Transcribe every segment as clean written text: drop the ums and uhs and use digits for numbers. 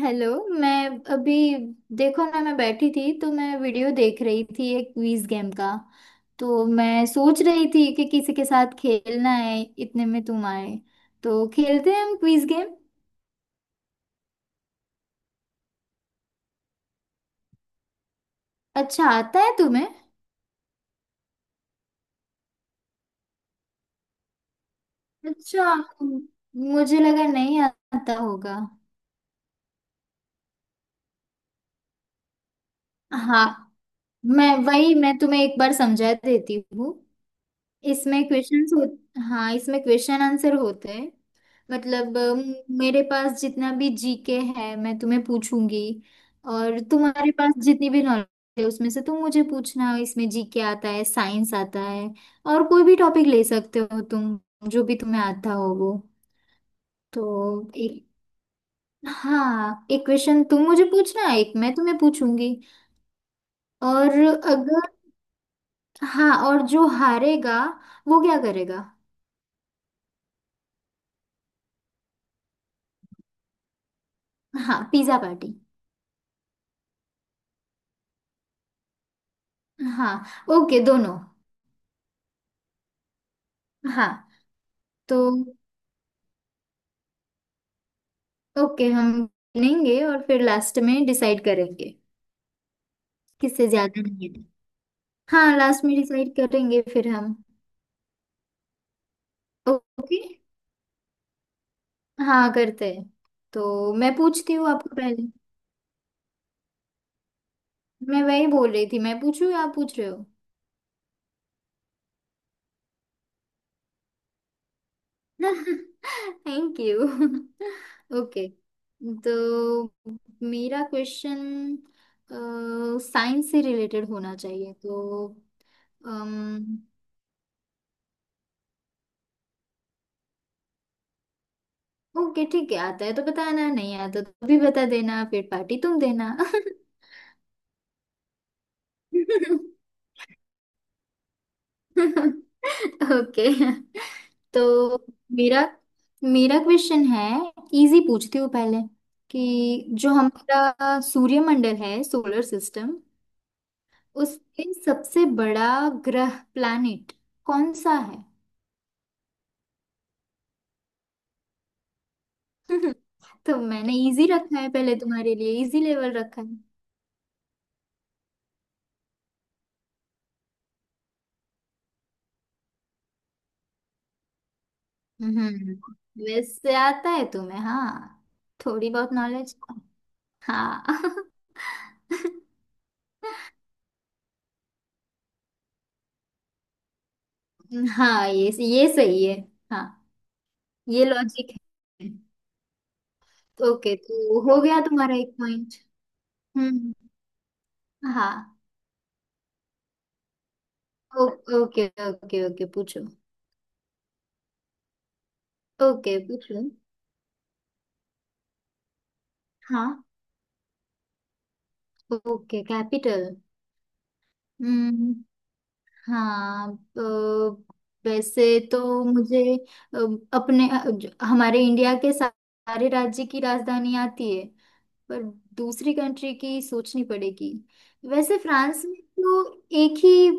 Hello. मैं अभी, देखो ना, मैं बैठी थी तो मैं वीडियो देख रही थी, एक क्विज गेम का। तो मैं सोच रही थी कि किसी के साथ खेलना है, इतने में तुम आए। तो खेलते हैं हम क्विज गेम। अच्छा आता है तुम्हें? अच्छा, मुझे लगा नहीं आता होगा। हाँ। मैं तुम्हें एक बार समझा देती हूँ। इसमें क्वेश्चंस हो हाँ, इसमें क्वेश्चन आंसर होते हैं। मतलब मेरे पास जितना भी जीके है मैं तुम्हें पूछूंगी। और तुम्हारे पास जितनी भी नॉलेज है उसमें से तुम मुझे पूछना। इसमें जीके आता है, साइंस आता है और कोई भी टॉपिक ले सकते हो तुम, जो भी तुम्हें आता हो वो। तो एक, हाँ, एक क्वेश्चन तुम मुझे पूछना, एक मैं तुम्हें पूछूंगी। और अगर, हाँ, और जो हारेगा वो क्या करेगा? हाँ, पिज्जा पार्टी। हाँ। ओके दोनों। हाँ तो ओके, हम गिनेंगे और फिर लास्ट में डिसाइड करेंगे। किससे ज्यादा नहीं है। हाँ, लास्ट में डिसाइड करेंगे फिर हम। ओके, हाँ करते हैं। तो मैं पूछती हूँ आपको पहले। मैं वही बोल रही थी, मैं पूछूँ या आप पूछ रहे हो? Thank you. ओके। तो मेरा क्वेश्चन साइंस से रिलेटेड होना चाहिए। तो ओके ठीक है, आता है तो बताना, नहीं आता तो भी बता देना, फिर पार्टी तुम देना। ओके। तो मेरा मेरा क्वेश्चन है, इजी पूछती हूँ पहले, कि जो हमारा सूर्यमंडल है, सोलर सिस्टम, उसके सबसे बड़ा ग्रह, प्लैनेट, कौन सा है? तो मैंने इजी रखा है, पहले तुम्हारे लिए इजी लेवल रखा है। हम्म। वेस्ट से आता है तुम्हें, हाँ, थोड़ी बहुत नॉलेज। हाँ। हाँ ये सही है। हाँ, ये लॉजिक है। ओके, तो हो गया तुम्हारा एक पॉइंट। हम्म। हाँ। ओ, ओके ओके ओके, पूछो। ओके पूछो। हाँ। Okay capital. हाँ तो वैसे तो मुझे, अ, अपने हमारे इंडिया के सारे राज्य की राजधानी आती है, पर दूसरी कंट्री की सोचनी पड़ेगी। वैसे फ्रांस में तो एक ही,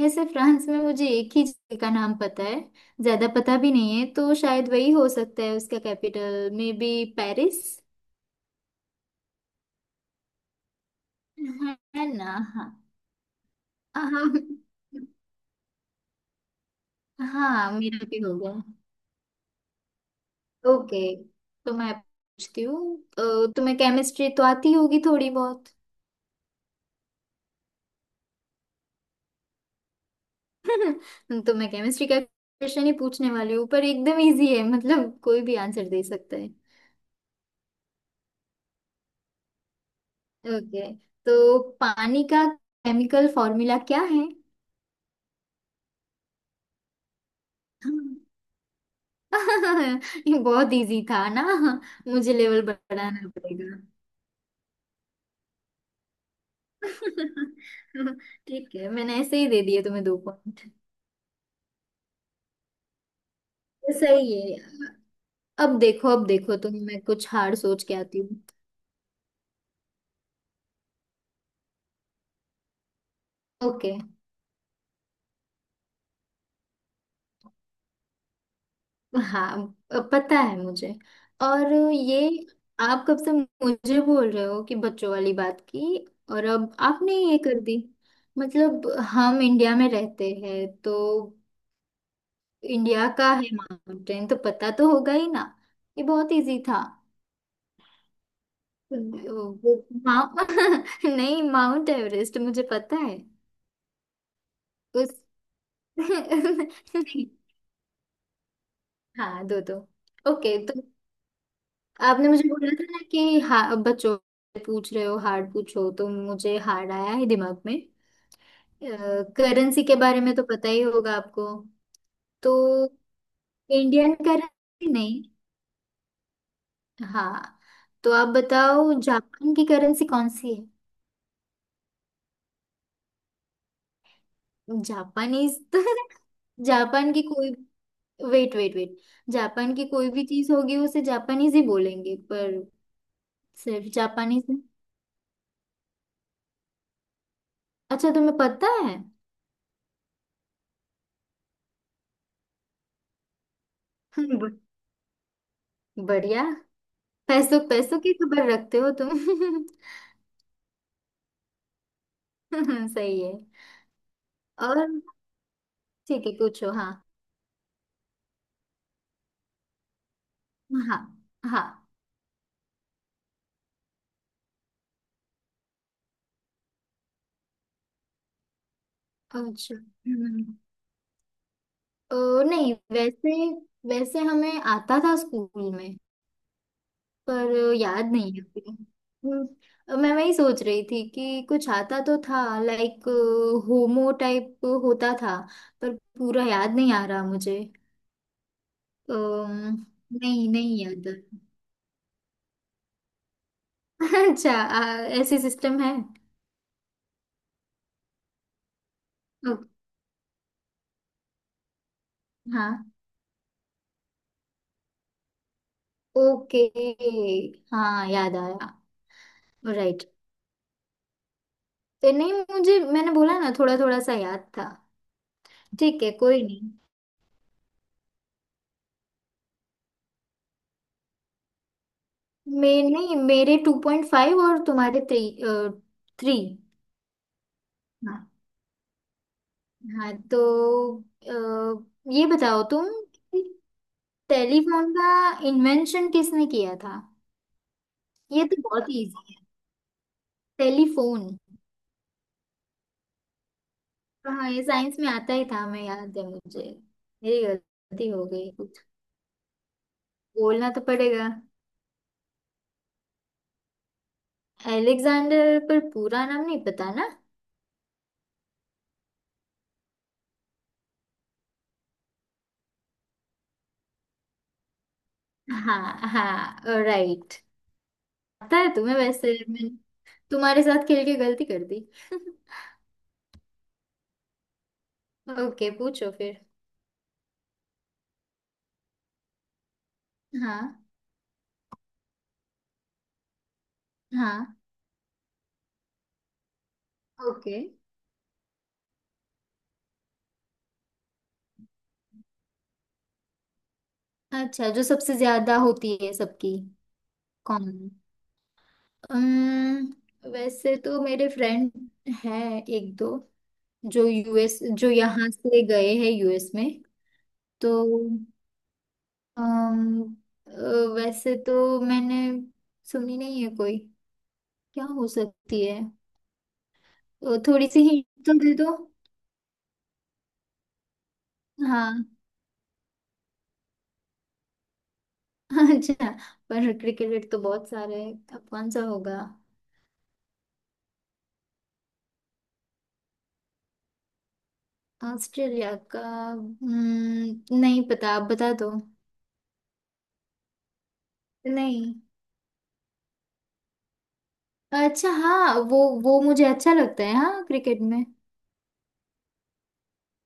वैसे फ्रांस में मुझे एक ही जगह का नाम पता है, ज्यादा पता भी नहीं है, तो शायद वही हो सकता है उसका कैपिटल, मे बी पेरिस। है ना? हाँ हाँ। हाँ मेरा भी हो गया। ओके, तो मैं पूछती हूँ तुम्हें केमिस्ट्री तो आती होगी थोड़ी बहुत। तो मैं केमिस्ट्री का क्वेश्चन ही पूछने वाली हूँ, पर एकदम इजी है, मतलब कोई भी आंसर दे सकता है। ओके। तो पानी का केमिकल फॉर्मूला क्या है? हाँ। ये बहुत इजी था ना। मुझे लेवल बढ़ाना पड़ेगा। ठीक है, मैंने ऐसे ही दे दिए तुम्हें दो पॉइंट। सही है। अब देखो अब देखो, तुम्हें मैं कुछ हार्ड सोच के आती हूँ। ओके। हाँ पता है मुझे। और ये आप कब से मुझे बोल रहे हो कि बच्चों वाली बात की, और अब आपने ये कर दी। मतलब हम इंडिया में रहते हैं तो इंडिया का है माउंटेन तो पता तो होगा ही ना। ये बहुत इजी था। वो माउ- नहीं, माउंट एवरेस्ट मुझे पता है। उस नहीं। हाँ दो दो। ओके तो आपने मुझे बोला था ना कि बच्चों से पूछ रहे हो हार्ड पूछो, तो मुझे हार्ड आया है दिमाग में। करेंसी के बारे में तो पता ही होगा आपको। तो इंडियन करेंसी नहीं। हाँ। तो आप बताओ जापान की करेंसी कौन सी है? जापानीज तो जापान की कोई, वेट वेट वेट, जापान की कोई भी चीज होगी उसे जापानीज ही बोलेंगे, पर सिर्फ जापानीज में। अच्छा तुम्हें पता है। ब- बढ़िया। पैसों पैसों की खबर रखते हो तुम। सही है। और ठीक है पूछो, हाँ। हाँ। हाँ। अच्छा, नहीं वैसे, वैसे हमें आता था स्कूल में, पर याद नहीं है अभी। मैं वही सोच रही थी कि कुछ आता तो था, लाइक होमो टाइप होता था, पर पूरा याद नहीं आ रहा मुझे। अम्म, नहीं नहीं याद आ रहा। अच्छा, ऐसे सिस्टम है। ओ, हाँ ओके। हाँ याद आया। राइट। तो नहीं मुझे, मैंने बोला ना थोड़ा थोड़ा सा याद था। ठीक है कोई नहीं। मैं नहीं, मेरे 2.5 और तुम्हारे थ्री। थ्री। हाँ। हाँ तो ये बताओ तुम कि टेलीफोन का इन्वेंशन किसने किया था? ये तो बहुत इजी है, टेलीफोन। हाँ ये साइंस में आता ही था मैं, याद है मुझे। मेरी गलती हो गई कुछ। बोलना तो पड़ेगा। एलेक्जेंडर, पर पूरा नाम नहीं पता ना। हाँ हाँ राइट। आता है तुम्हें वैसे, मैं तुम्हारे साथ खेल के गलती कर दी। ओके पूछो फिर। हाँ। हाँ। ओके। अच्छा, जो सबसे ज्यादा होती है सबकी। कौन? वैसे तो मेरे फ्रेंड है एक दो, जो यूएस, जो यहाँ से गए हैं यूएस में। तो अम्म, वैसे तो मैंने सुनी नहीं है कोई, क्या हो सकती है? तो थोड़ी सी हिंट तो दे दो। हाँ। अच्छा, पर क्रिकेट तो बहुत सारे हैं, अब कौन सा होगा? ऑस्ट्रेलिया का। नहीं पता, आप बता दो। नहीं। अच्छा हाँ, वो मुझे अच्छा लगता है हाँ क्रिकेट में।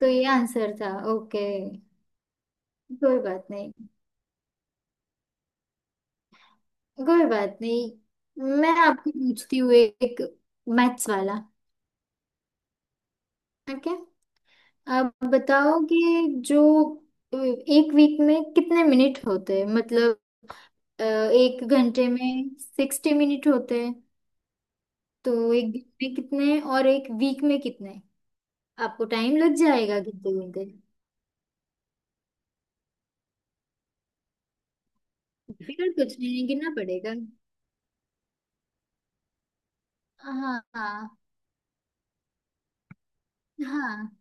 तो ये आंसर था। ओके। कोई बात नहीं। कोई बात नहीं। मैं आपको पूछती हूँ एक मैथ्स वाला। ओके। आप बताओ कि जो एक वीक में कितने मिनट होते हैं? मतलब एक घंटे में 60 मिनट होते हैं। तो एक दिन में कितने और एक वीक में कितने? आपको टाइम लग जाएगा गिनते गिनते, फिर कुछ नहीं गिनना पड़ेगा। हाँ हाँ हाँ।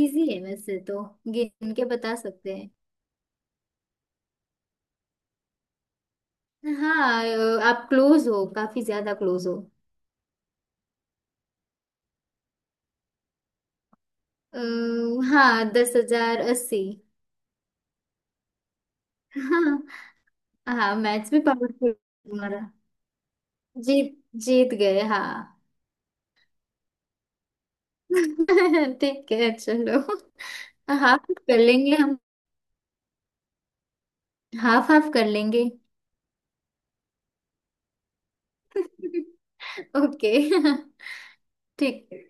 इजी है वैसे तो, गिन के बता सकते हैं। हाँ, आप क्लोज हो, काफी ज्यादा क्लोज हो। अ, हाँ, 10,080। हाँ। हाँ, मैच भी पावरफुल तुम्हारा। जीत, जीत गए हाँ। ठीक है चलो। हाफ कर लेंगे हम। हाफ हाफ कर लेंगे। ओके। ठीक है।